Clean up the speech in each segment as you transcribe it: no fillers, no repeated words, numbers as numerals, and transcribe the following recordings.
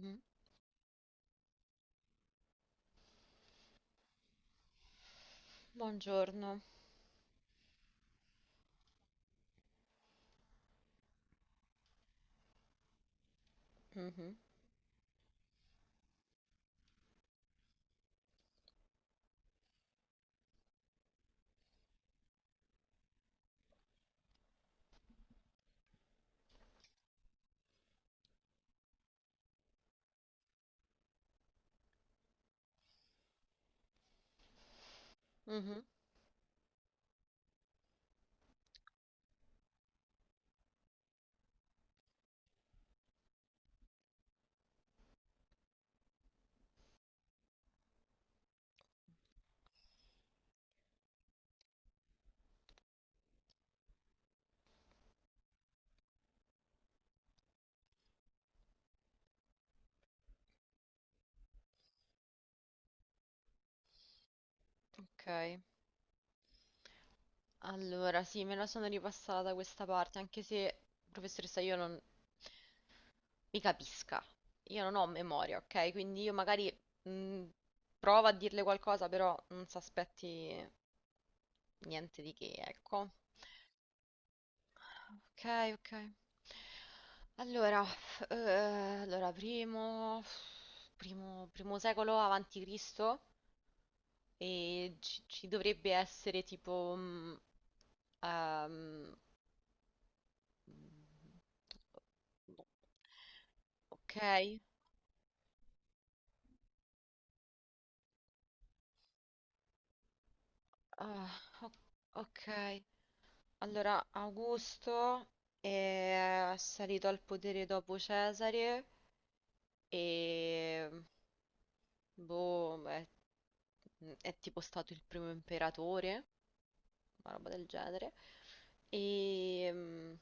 Mm, Buongiorno. Mhm, mhm, Ok. Allora, sì, me la sono ripassata da questa parte, anche se, professoressa, io non mi capisca. Io non ho memoria, ok? Quindi io magari mm, provo a dirle qualcosa, però non si aspetti niente di che, ecco. Ok, ok. Allora, allora primo secolo avanti Cristo e ci dovrebbe essere tipo Ehm, ok, ah, o- ok. Allora, Augusto è salito al potere dopo Cesare e boh, è tipo stato il primo imperatore, una roba del genere. E, mm,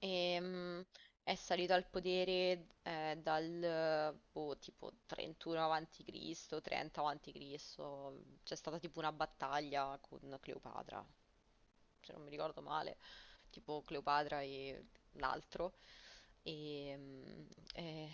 Ehm, è salito al potere dal boh, tipo 31 avanti Cristo, 30 avanti Cristo. C'è stata tipo una battaglia con Cleopatra, se non mi ricordo male, tipo Cleopatra e l'altro. E, mm, eh,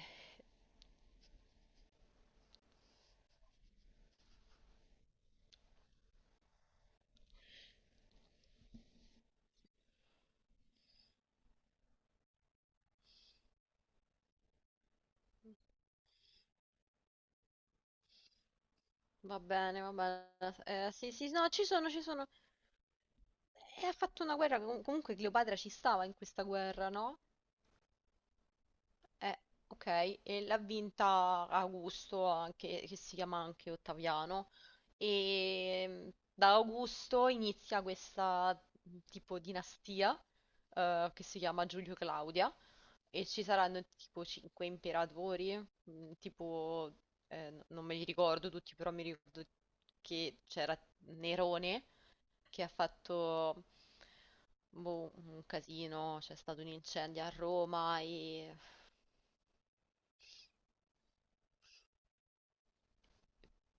Va bene, va bene. Sì, sì, no, ci sono. E ha fatto una guerra, comunque Cleopatra ci stava in questa guerra, no? Eh, ok, e l'ha vinta Augusto, anche, che si chiama anche Ottaviano, e mm, da Augusto inizia questa tipo dinastia che si chiama Giulio Claudia e ci saranno tipo cinque imperatori, mm, tipo non me li ricordo tutti, però mi ricordo che c'era Nerone che ha fatto boh, un casino, c'è stato un incendio a Roma e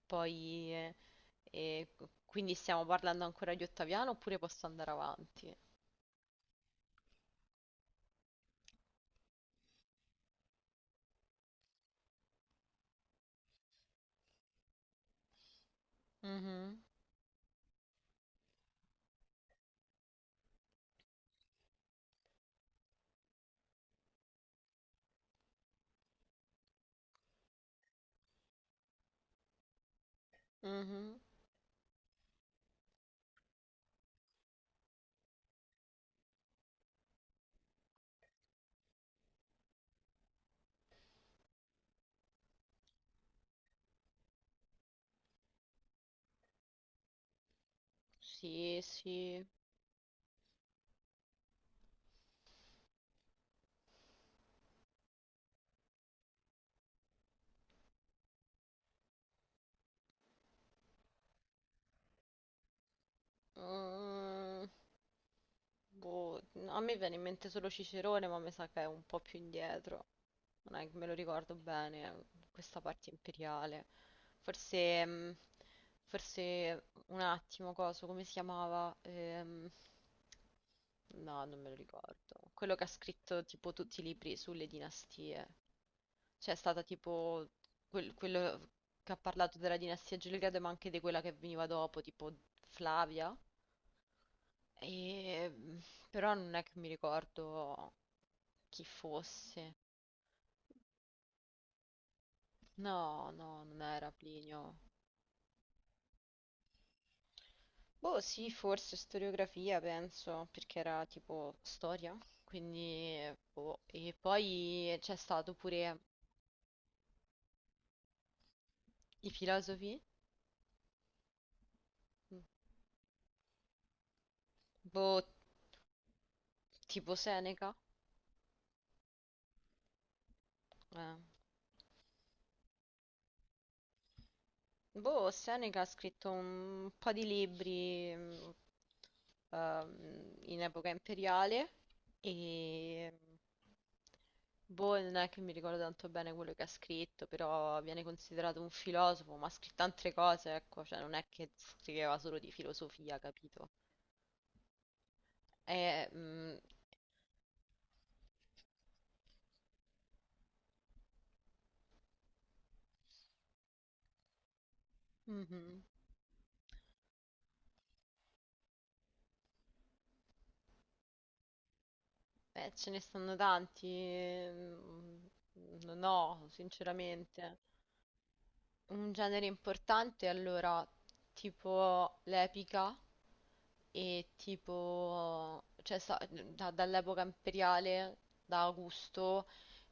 poi, eh, quindi stiamo parlando ancora di Ottaviano oppure posso andare avanti? Mhm, mhm. Sì, sì. Mm, Boh, a me viene in mente solo Cicerone, ma mi sa che è un po' più indietro. Non è che me lo ricordo bene, questa parte imperiale. Forse, forse un attimo, coso, come si chiamava? No, non me lo ricordo. Quello che ha scritto tipo tutti i libri sulle dinastie. C'è stata tipo quello che ha parlato della dinastia Gelgrado, ma anche di quella che veniva dopo, tipo Flavia. E... mm, Però non è che mi ricordo chi fosse. No, no, non era Plinio. Boh, sì, forse storiografia, penso, perché era tipo storia. Quindi, boh. E poi c'è stato pure i filosofi, boh, tipo Seneca. Eh. Boh, Seneca ha scritto un po' di libri in epoca imperiale e boh, non è che mi ricordo tanto bene quello che ha scritto, però viene considerato un filosofo, ma ha scritto altre cose, ecco, cioè non è che scriveva solo di filosofia, capito? E, mm, Mhm. Ce ne stanno tanti, non ho, sinceramente. Un genere importante allora, tipo l'epica e tipo, cioè dall'epoca imperiale, da Augusto,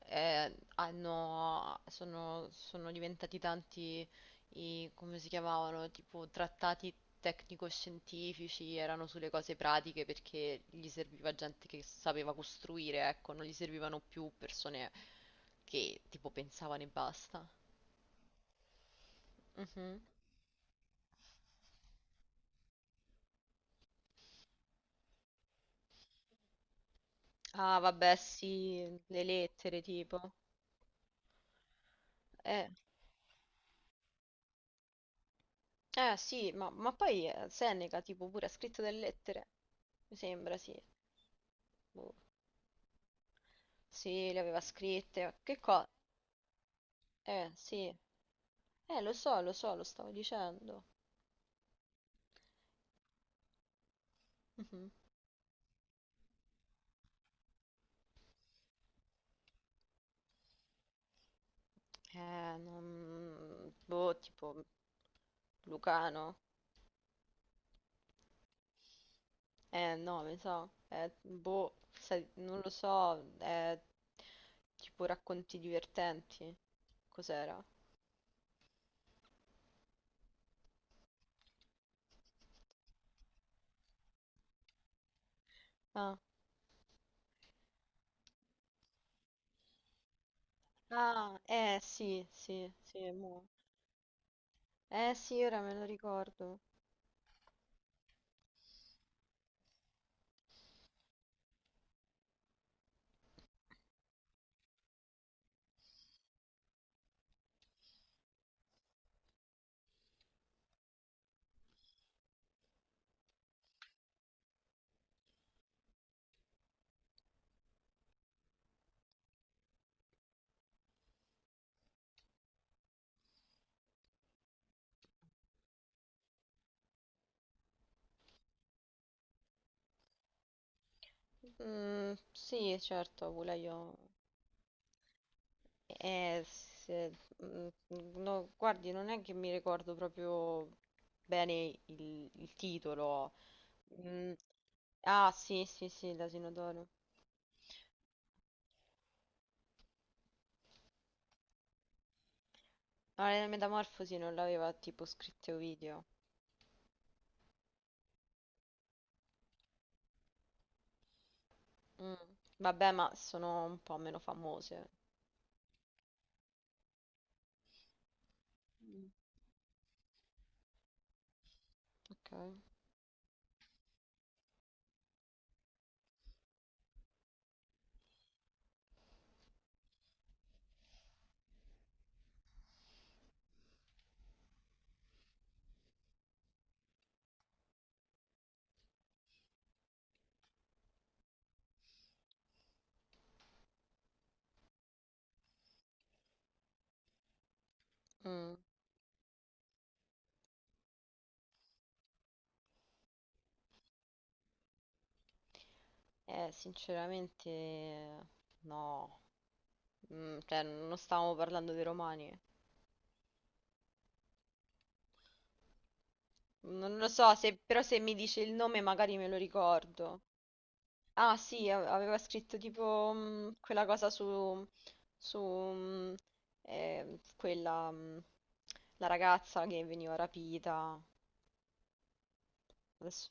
sono, sono diventati tanti i, come si chiamavano, tipo trattati tecnico-scientifici, erano sulle cose pratiche perché gli serviva gente che sapeva costruire, ecco, non gli servivano più persone che tipo pensavano e basta. Mhm. Ah, vabbè, sì, le lettere tipo. Eh, eh sì, ma poi Seneca tipo pure ha scritto delle lettere. Mi sembra, sì. Boh. Sì, le aveva scritte. Che cosa? Sì. Lo so, lo so, lo stavo dicendo. Mhm. Eh, non... Boh, tipo... Lucano? No, mi sa. Boh, sai, non lo so. Tipo racconti divertenti. Cos'era? Ah, ah, eh sì, sì, sì, mo. Eh sì, ora me lo ricordo. Mm, sì, certo, pure io. Eh, se- mm, no, guardi, non è che mi ricordo proprio bene il titolo. Mm, ah, sì, sì, sì, l'asino d'oro. Ma la metamorfosi non l'aveva tipo scritto Ovidio. Mm, Vabbè, ma sono un po' meno famose. Ok. Mm, sinceramente, no. Mm, cioè, non stavamo parlando dei romani. Non lo so, se- però se mi dice il nome magari me lo ricordo. Ah sì, aveva scritto tipo quella cosa su, su quella, la ragazza che veniva rapita. Adesso-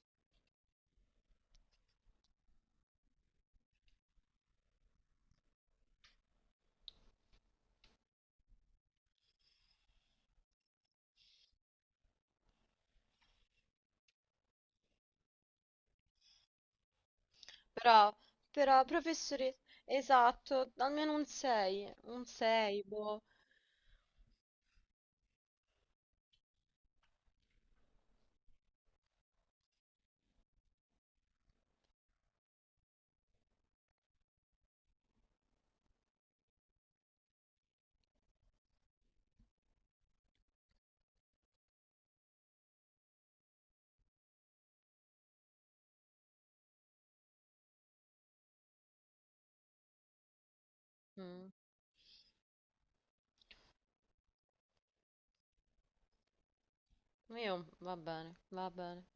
Però, però, professore, esatto, almeno un 6, un 6, boh. Mm, Io, va bene, va bene.